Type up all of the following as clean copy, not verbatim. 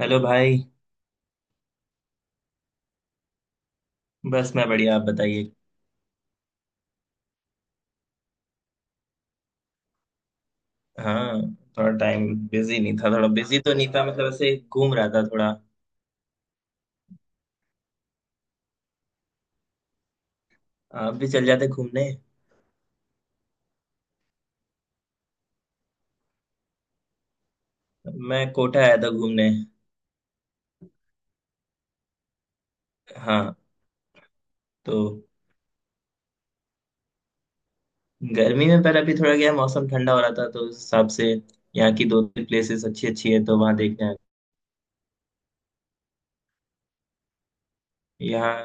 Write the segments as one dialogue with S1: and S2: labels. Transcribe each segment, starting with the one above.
S1: Hello भाई। बस मैं बढ़िया, आप बताइए। हाँ, थोड़ा टाइम बिजी नहीं था, थोड़ा बिजी तो नहीं था, मतलब ऐसे घूम रहा था थोड़ा। आप भी चल जाते घूमने। मैं कोटा आया था घूमने। हाँ। तो गर्मी में, पर अभी थोड़ा गया मौसम ठंडा हो रहा था तो उस हिसाब से यहाँ की दो तीन प्लेसेस अच्छी अच्छी है तो वहाँ देखने आए। यहाँ।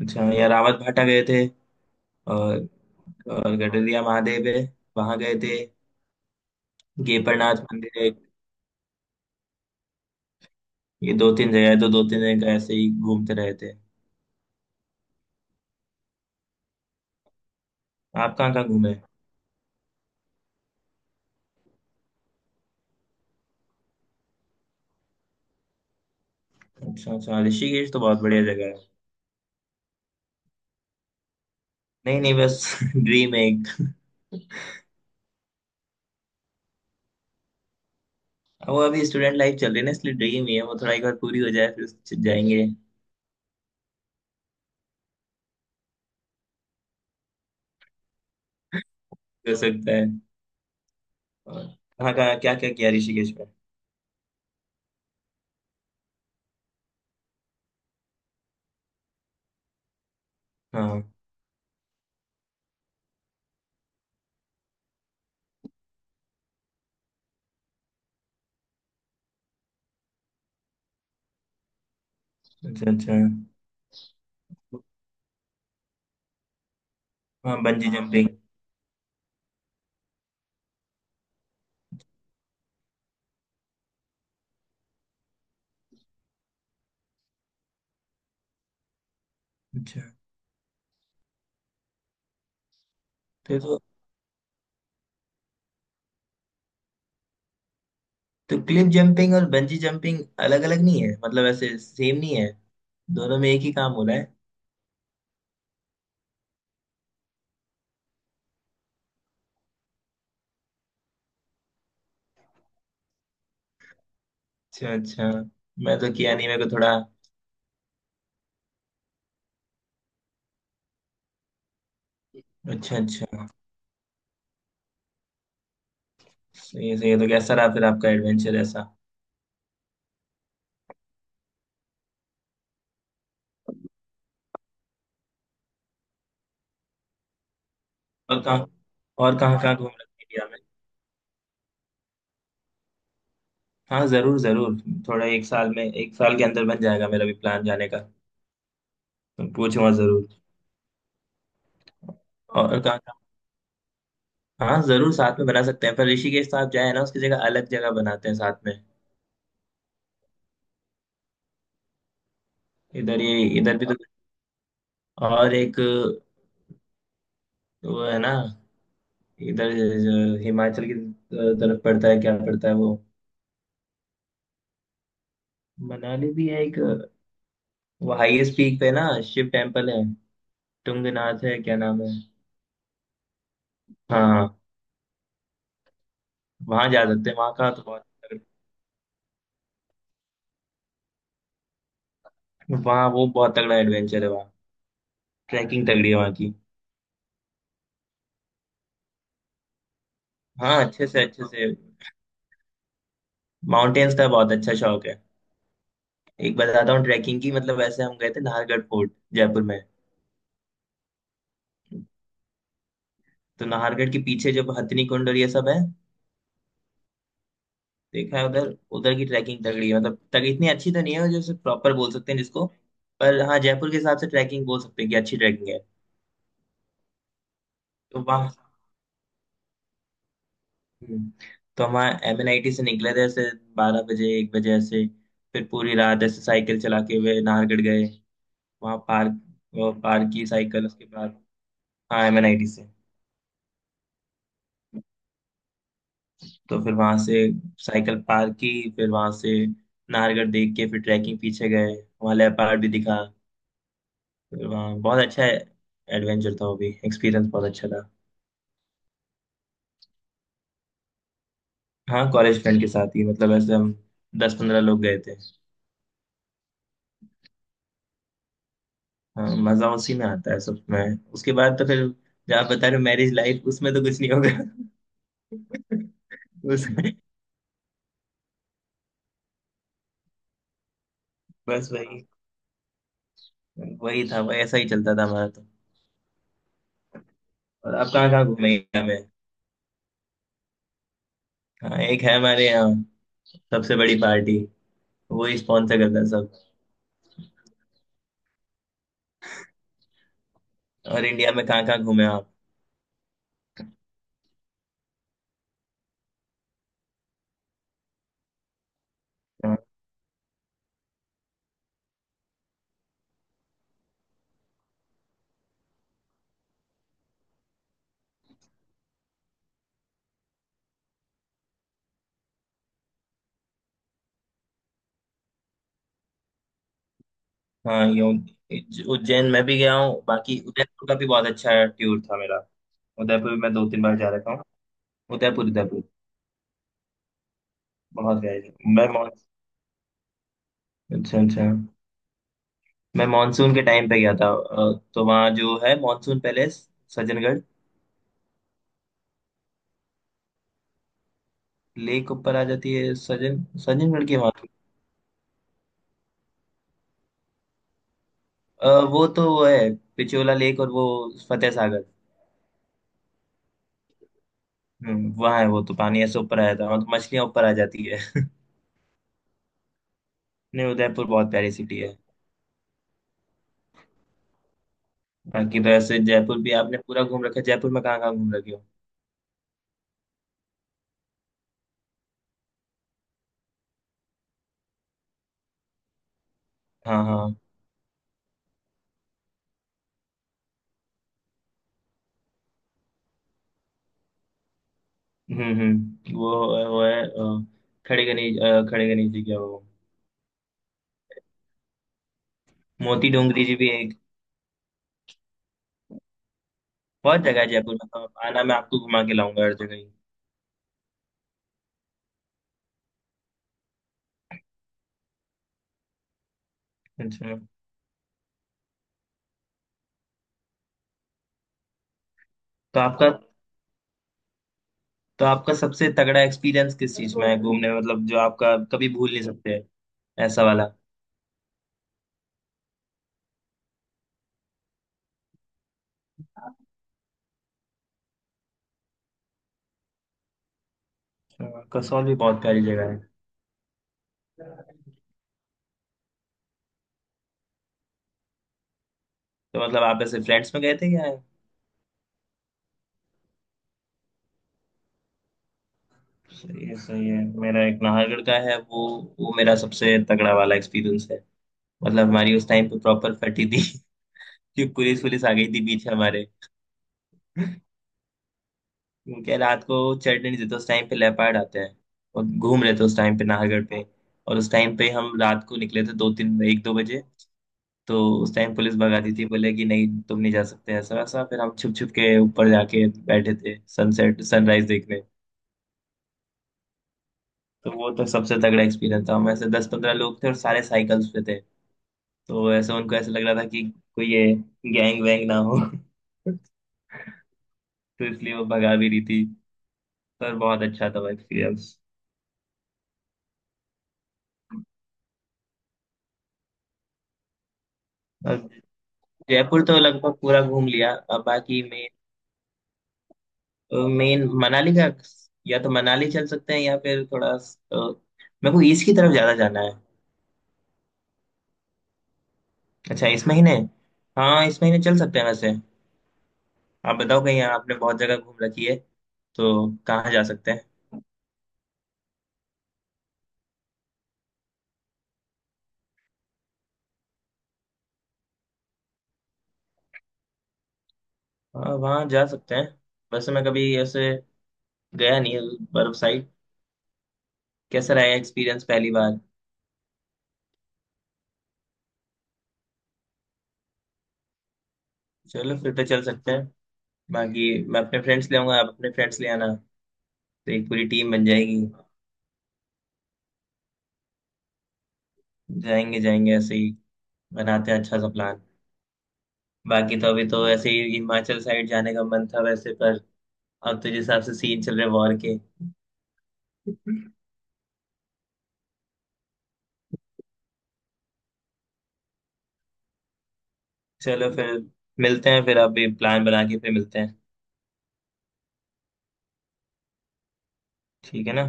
S1: अच्छा, यहाँ रावत भाटा गए थे। और और गडरिया महादेव है, वहाँ गए थे। गेपरनाथ मंदिर है। ये दो तीन जगह है तो दो तीन जगह ऐसे ही घूमते रहे थे। आप कहाँ कहाँ घूमे। अच्छा अच्छा, ऋषिकेश तो बहुत बढ़िया जगह है। नहीं नहीं, बस ड्रीम है एक। अब वो अभी स्टूडेंट लाइफ चल रही है ना, इसलिए ड्रीम ही है वो, थोड़ा एक बार पूरी हो जाए फिर जाएंगे। हो सकता है। और कहाँ कहाँ क्या क्या किया ऋषिकेश में। हाँ। अच्छा अच्छा। हाँ बंजी जंपिंग। अच्छा। तो तो, तो क्लिफ जंपिंग और बंजी जंपिंग अलग अलग नहीं है, मतलब ऐसे सेम नहीं है, दोनों में एक ही काम हो रहा है। अच्छा अच्छा, मैं तो किया नहीं, मेरे को थोड़ा। अच्छा अच्छा। सही है सही है, तो कैसा रहा फिर आपका एडवेंचर ऐसा। और कहाँ। और कहाँ कहाँ घूम रहे इंडिया में। हाँ जरूर जरूर, थोड़ा एक साल में, एक साल के अंदर बन जाएगा मेरा भी प्लान जाने का। मैं पूछूंगा जरूर। और कहाँ कहाँ। हाँ जरूर साथ में बना सकते हैं, पर ऋषिकेश तो आप जाए ना, उसकी जगह अलग जगह बनाते हैं साथ में। इधर ये इधर भी तो। और एक वो है ना, इधर जो हिमाचल की तरफ पड़ता है क्या पड़ता है वो। मनाली भी है एक। वो हाईएस्ट पीक पे ना शिव टेम्पल है। टुंगनाथ है क्या नाम है। हाँ हाँ। वहाँ जा सकते हैं, वहाँ का तो बहुत। वहाँ वो बहुत तगड़ा एडवेंचर है वहाँ। ट्रैकिंग तगड़ी है वहाँ की। हाँ अच्छे से अच्छे से। माउंटेन्स का बहुत अच्छा शौक है। एक बताता हूँ ट्रैकिंग की, मतलब वैसे हम गए थे नाहरगढ़ फोर्ट जयपुर में। तो नाहरगढ़ के पीछे जब हथिनी कुंड और ये सब है, देखा है उधर। उधर की ट्रैकिंग तगड़ी है, मतलब तक इतनी अच्छी तो नहीं है जैसे प्रॉपर बोल सकते हैं जिसको, पर हाँ जयपुर के हिसाब से ट्रैकिंग बोल सकते हैं कि अच्छी ट्रैकिंग है। तो वहाँ हम्म, तो हम एम एन आई टी से निकले थे ऐसे, 12 बजे 1 बजे ऐसे। फिर पूरी रात ऐसे साइकिल चला के हुए नाहरगढ़ गए। वहाँ पार्क, वो पार्क की साइकिल उसके बाद। हाँ, एम एन आई टी से। तो फिर वहाँ से साइकिल पार्क की, फिर वहाँ से नाहरगढ़ देख के फिर ट्रैकिंग पीछे गए। वहाँ लेपर्ड भी दिखा। फिर वहाँ बहुत अच्छा एडवेंचर था, वो भी एक्सपीरियंस बहुत अच्छा था। हाँ कॉलेज फ्रेंड के साथ ही, मतलब ऐसे हम दस पंद्रह लोग गए थे। हाँ मजा उसी में आता है, सब में। उसके बाद तो फिर, जहाँ बता रहे हो मैरिज लाइफ, उसमें तो कुछ नहीं होगा। उस, बस वही, वही था वही, ऐसा ही चलता था हमारा तो। और आप कहाँ कहाँ घूमे हैं? हाँ एक है हमारे यहाँ, सबसे बड़ी पार्टी, वो ही स्पॉन्सर करता है सब। और इंडिया में कहाँ कहाँ घूमे आप। हाँ, हाँ, यो, उज्जैन मैं भी गया हूँ, बाकी उदयपुर का भी बहुत अच्छा टूर था मेरा। उदयपुर भी मैं दो तीन बार जा रखा हूँ। उदयपुर उदयपुर। बहुत गया है। मैं मॉन अच्छा अच्छा, मैं मानसून के टाइम पे गया था, तो वहाँ जो है मानसून पैलेस, सज्जनगढ़। लेक ऊपर आ जाती है, सज्जनगढ़ के वहाँ तो। वो तो वो है पिछोला लेक और वो फतेह सागर। वहाँ है वो तो पानी ऐसे ऊपर आ जाता है, वहाँ तो मछलियाँ ऊपर आ जाती है। नहीं उदयपुर बहुत प्यारी सिटी है। बाकी तो ऐसे जयपुर भी आपने पूरा घूम रखा है, जयपुर में कहाँ कहाँ घूम रखे हो। हाँ हाँ। हम्म। वो है अ, खड़े गणेश, खड़े गणेश जी क्या वो। मोती डोंगरी जी भी एक, बहुत जगह है जयपुर में, तो आना मैं आपको घुमा के लाऊंगा हर जगह ही। अच्छा। तो आपका तो आपका सबसे तगड़ा एक्सपीरियंस किस चीज में है घूमने में? मतलब जो आपका कभी भूल नहीं सकते ऐसा वाला। अच्छा। कसौल भी बहुत प्यारी जगह है। तो मतलब आप ऐसे फ्रेंड्स में गए थे या। सही है सही है। मेरा एक नाहरगढ़ का है वो मेरा सबसे तगड़ा वाला एक्सपीरियंस है। मतलब हमारी उस टाइम पे प्रॉपर फटी थी। कि पुलिस पुलिस आ गई थी बीच हमारे। क्योंकि रात को चढ़ने नहीं देते, उस टाइम पे लेपर्ड आते हैं, और घूम रहे थे उस टाइम पे नाहरगढ़ पे। और उस टाइम पे हम रात को निकले थे, दो तीन एक दो बजे। तो उस टाइम पुलिस भगाती थी, बोले कि नहीं तुम नहीं जा सकते ऐसा वैसा, फिर हम छुप छुप के ऊपर जाके बैठे थे सनसेट सनराइज देखने। तो वो तो सबसे तगड़ा एक्सपीरियंस था, हम ऐसे दस पंद्रह लोग थे और सारे साइकिल्स पे थे। तो ऐसे उनको ऐसे लग रहा था कि कोई ये गैंग वैंग ना हो। तो इसलिए वो भगा भी रही थी, पर बहुत अच्छा था वो एक्सपीरियंस। अब जयपुर तो लगभग पूरा घूम लिया, अब बाकी मेन मेन मनाली का, या तो मनाली चल सकते हैं या फिर थोड़ा, मेरे को ईस्ट की तरफ ज्यादा जाना है। अच्छा इस महीने, हाँ इस महीने चल सकते हैं वैसे। आप बताओ, कहीं आपने बहुत जगह घूम रखी है तो, कहाँ जा सकते हैं। हाँ वहाँ जा सकते हैं, वैसे मैं कभी ऐसे गया नहीं है बर्फ साइड। कैसा रहा एक्सपीरियंस पहली बार। चलो फिर तो चल सकते हैं, बाकी मैं अपने फ्रेंड्स ले आऊंगा, आप अपने फ्रेंड्स ले आना, तो एक पूरी टीम बन जाएगी। जाएंगे जाएंगे ऐसे ही, बनाते हैं अच्छा सा प्लान। बाकी तो अभी तो ऐसे ही हिमाचल साइड जाने का मन था वैसे, पर अब तो जिस हिसाब से सीन चल रहे वॉर के। चलो फिर, मिलते हैं फिर, आप भी प्लान बना के फिर मिलते हैं। ठीक है ना।